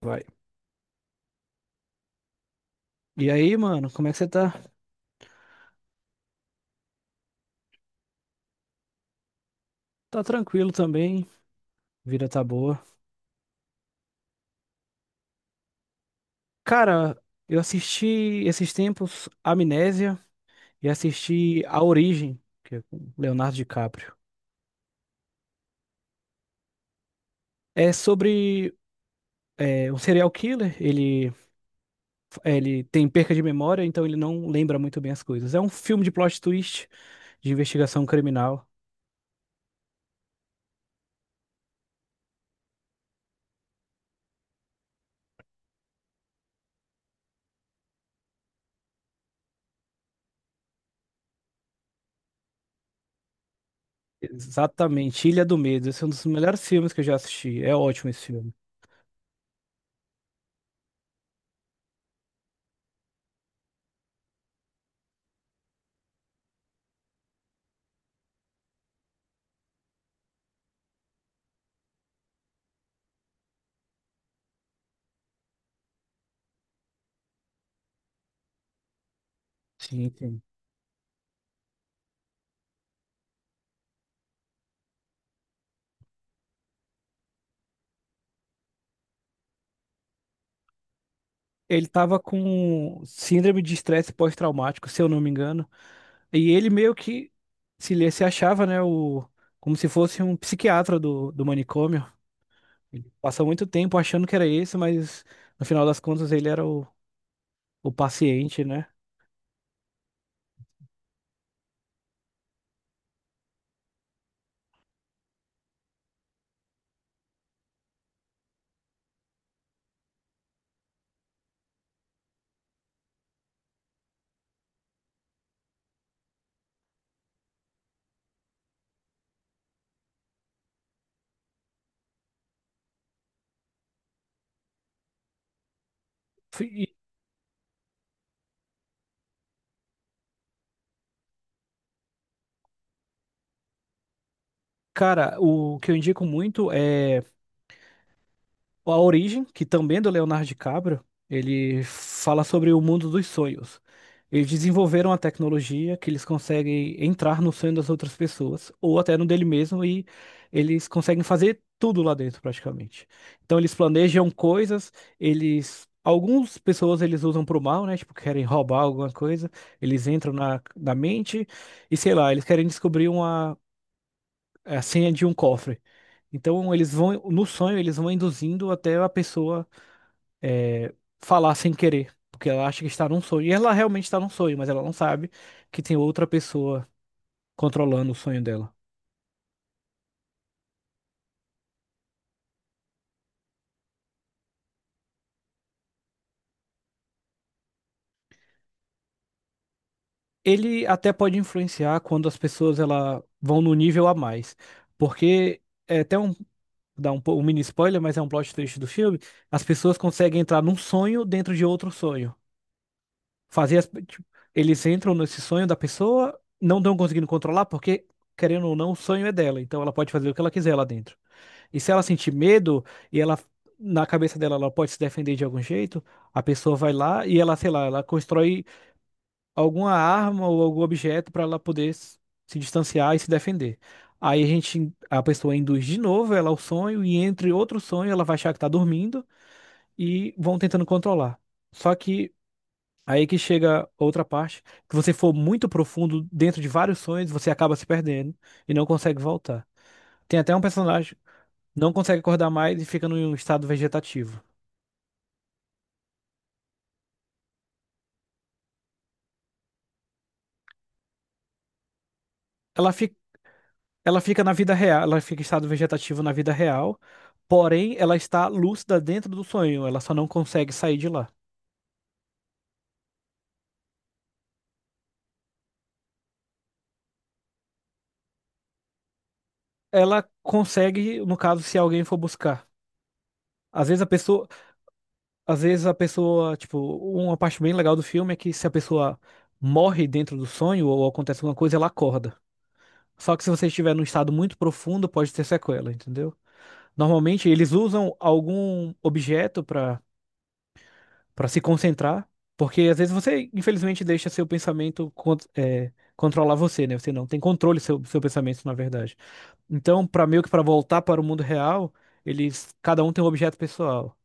Vai. E aí, mano, como é que você tá? Tá tranquilo também, vida tá boa. Cara, eu assisti esses tempos Amnésia e assisti A Origem, que é com Leonardo DiCaprio. É sobre um serial killer, ele tem perca de memória, então ele não lembra muito bem as coisas. É um filme de plot twist, de investigação criminal. Exatamente, Ilha do Medo. Esse é um dos melhores filmes que eu já assisti. É ótimo esse filme. Sim, sim. Ele tava com síndrome de estresse pós-traumático, se eu não me engano. E ele meio que se, ele se achava, né, como se fosse um psiquiatra do manicômio. Ele passou muito tempo achando que era esse, mas no final das contas ele era o paciente, né? Fui- E, cara, o que eu indico muito é A Origem, que também é do Leonardo DiCaprio, ele fala sobre o mundo dos sonhos. Eles desenvolveram a tecnologia que eles conseguem entrar no sonho das outras pessoas, ou até no dele mesmo, e eles conseguem fazer tudo lá dentro, praticamente. Então eles planejam coisas, eles. Algumas pessoas eles usam pro mal, né? Tipo, querem roubar alguma coisa, eles entram na mente e sei lá, eles querem descobrir a senha de um cofre. Então eles vão, no sonho, eles vão induzindo até a pessoa é, falar sem querer, porque ela acha que está num sonho. E ela realmente está num sonho, mas ela não sabe que tem outra pessoa controlando o sonho dela. Ele até pode influenciar quando as pessoas ela vão no nível a mais, porque é até um, dá um, um mini spoiler, mas é um plot twist do filme, as pessoas conseguem entrar num sonho dentro de outro sonho. Fazer as, tipo, eles entram nesse sonho da pessoa, não estão conseguindo controlar, porque, querendo ou não, o sonho é dela. Então ela pode fazer o que ela quiser lá dentro. E se ela sentir medo e ela. Na cabeça dela, ela pode se defender de algum jeito. A pessoa vai lá e ela, sei lá, ela constrói alguma arma ou algum objeto para ela poder se distanciar e se defender. Aí a gente, a pessoa induz de novo ela ao sonho e entre outro sonho ela vai achar que tá dormindo e vão tentando controlar. Só que aí que chega outra parte, que você for muito profundo dentro de vários sonhos, você acaba se perdendo e não consegue voltar. Tem até um personagem que não consegue acordar mais e fica num estado vegetativo. Ela fica, ela fica na vida real, ela fica em estado vegetativo na vida real, porém ela está lúcida dentro do sonho, ela só não consegue sair de lá. Ela consegue, no caso, se alguém for buscar. Às vezes a pessoa, às vezes a pessoa, tipo, uma parte bem legal do filme é que se a pessoa morre dentro do sonho ou acontece alguma coisa, ela acorda. Só que se você estiver num estado muito profundo, pode ter sequela, entendeu? Normalmente eles usam algum objeto para se concentrar, porque às vezes você, infelizmente, deixa seu pensamento controlar você, né? Você não tem controle sobre seu pensamento, na verdade. Então, para meio que para voltar para o mundo real, eles cada um tem um objeto pessoal.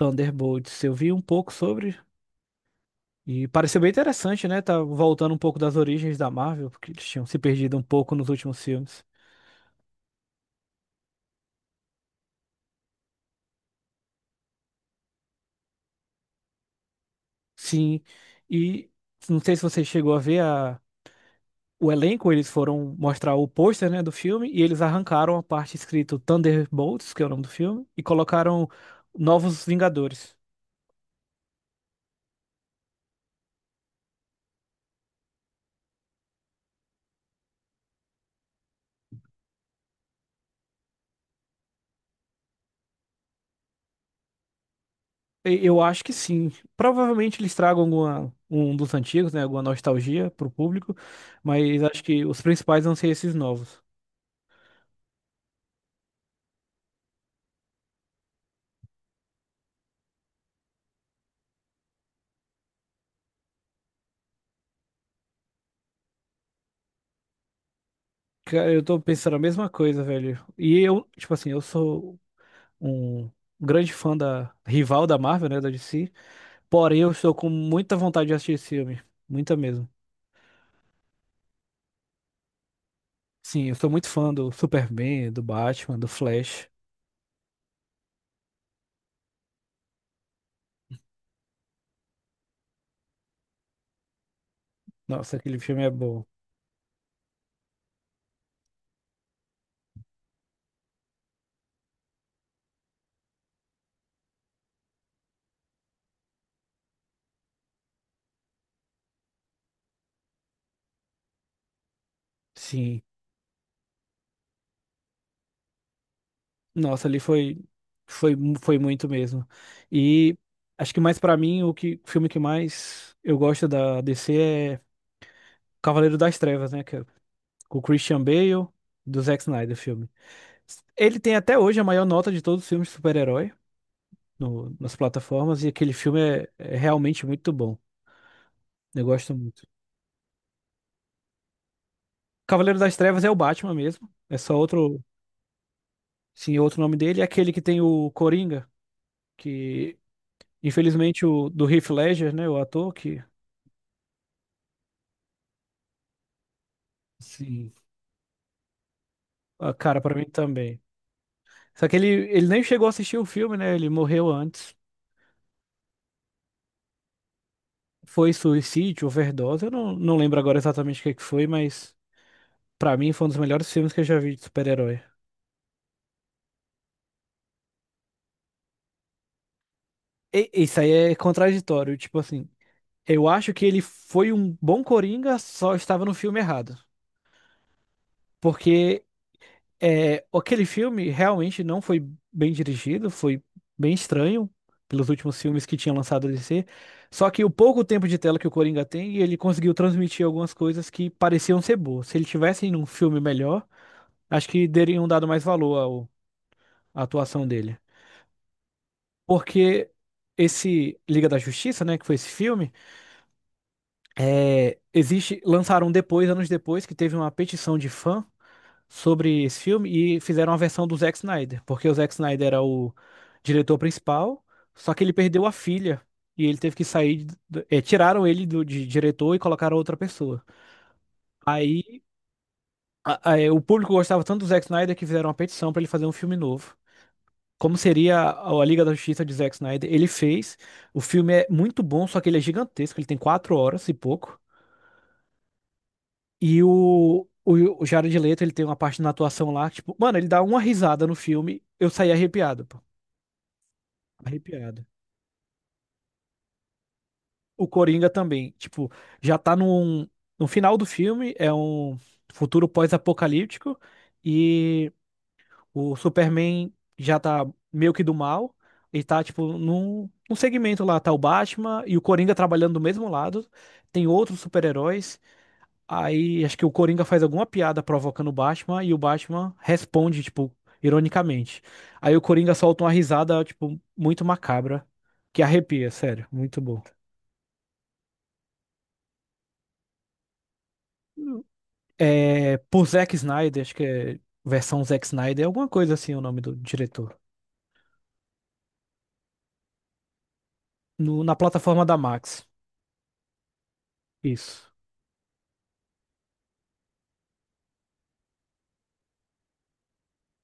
Thunderbolts, eu vi um pouco sobre e pareceu bem interessante, né? Tá voltando um pouco das origens da Marvel, porque eles tinham se perdido um pouco nos últimos filmes. Sim. E não sei se você chegou a ver o elenco, eles foram mostrar o pôster, né, do filme e eles arrancaram a parte escrito Thunderbolts, que é o nome do filme, e colocaram Novos Vingadores. Eu acho que sim. Provavelmente eles tragam um dos antigos, né, alguma nostalgia pro público, mas acho que os principais vão ser esses novos. Cara, eu tô pensando a mesma coisa, velho. E eu, tipo assim, eu sou um grande fã da rival da Marvel, né, da DC. Porém, eu estou com muita vontade de assistir esse filme. Muita mesmo. Sim, eu sou muito fã do Superman, do Batman, do Flash. Nossa, aquele filme é bom. Sim. Nossa, ali foi foi muito mesmo. E acho que mais pra mim o que o filme que mais eu gosto da DC é Cavaleiro das Trevas, né, que é com o Christian Bale, do Zack Snyder o filme. Ele tem até hoje a maior nota de todos os filmes de super-herói nas plataformas e aquele filme é realmente muito bom. Eu gosto muito. Cavaleiro das Trevas é o Batman mesmo. É só sim, outro nome dele. É aquele que tem o Coringa, que infelizmente o do Heath Ledger, né, o ator que, sim, a cara pra mim também. Só que ele nem chegou a assistir o filme, né? Ele morreu antes. Foi suicídio, overdose. Eu não, não lembro agora exatamente o que é que foi, mas pra mim foi um dos melhores filmes que eu já vi de super-herói. Isso aí é contraditório, tipo assim, eu acho que ele foi um bom Coringa, só estava no filme errado. Porque aquele filme realmente não foi bem dirigido, foi bem estranho pelos últimos filmes que tinha lançado a DC. Só que o pouco tempo de tela que o Coringa tem, ele conseguiu transmitir algumas coisas que pareciam ser boas. Se ele tivesse em um filme melhor, acho que teriam dado mais valor à atuação dele. Porque esse Liga da Justiça, né, que foi esse filme, existe, lançaram depois, anos depois, que teve uma petição de fã sobre esse filme e fizeram uma versão do Zack Snyder, porque o Zack Snyder era o diretor principal, só que ele perdeu a filha e ele teve que sair, tiraram ele de diretor e colocaram outra pessoa. Aí o público gostava tanto do Zack Snyder que fizeram uma petição para ele fazer um filme novo. Como seria a Liga da Justiça de Zack Snyder? Ele fez. O filme é muito bom, só que ele é gigantesco. Ele tem quatro horas e pouco. E o Jared Leto, ele tem uma parte na atuação lá, tipo, mano, ele dá uma risada no filme, eu saí arrepiado. Arrepiado. O Coringa também, tipo, já tá num, no final do filme, é um futuro pós-apocalíptico e o Superman já tá meio que do mal e tá, tipo, num segmento lá, tá o Batman e o Coringa trabalhando do mesmo lado, tem outros super-heróis, aí acho que o Coringa faz alguma piada provocando o Batman e o Batman responde, tipo, ironicamente. Aí o Coringa solta uma risada, tipo, muito macabra, que arrepia, sério, muito bom. É, por Zack Snyder, acho que é versão Zack Snyder, é alguma coisa assim o nome do diretor. Na plataforma da Max. Isso.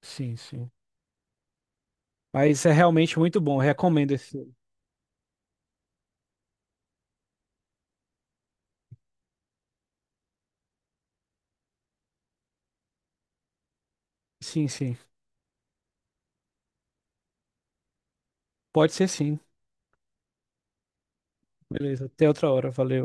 Sim, sim. Mas é realmente muito bom, recomendo esse filme. Sim, sim. Pode ser sim. Beleza, até outra hora, valeu.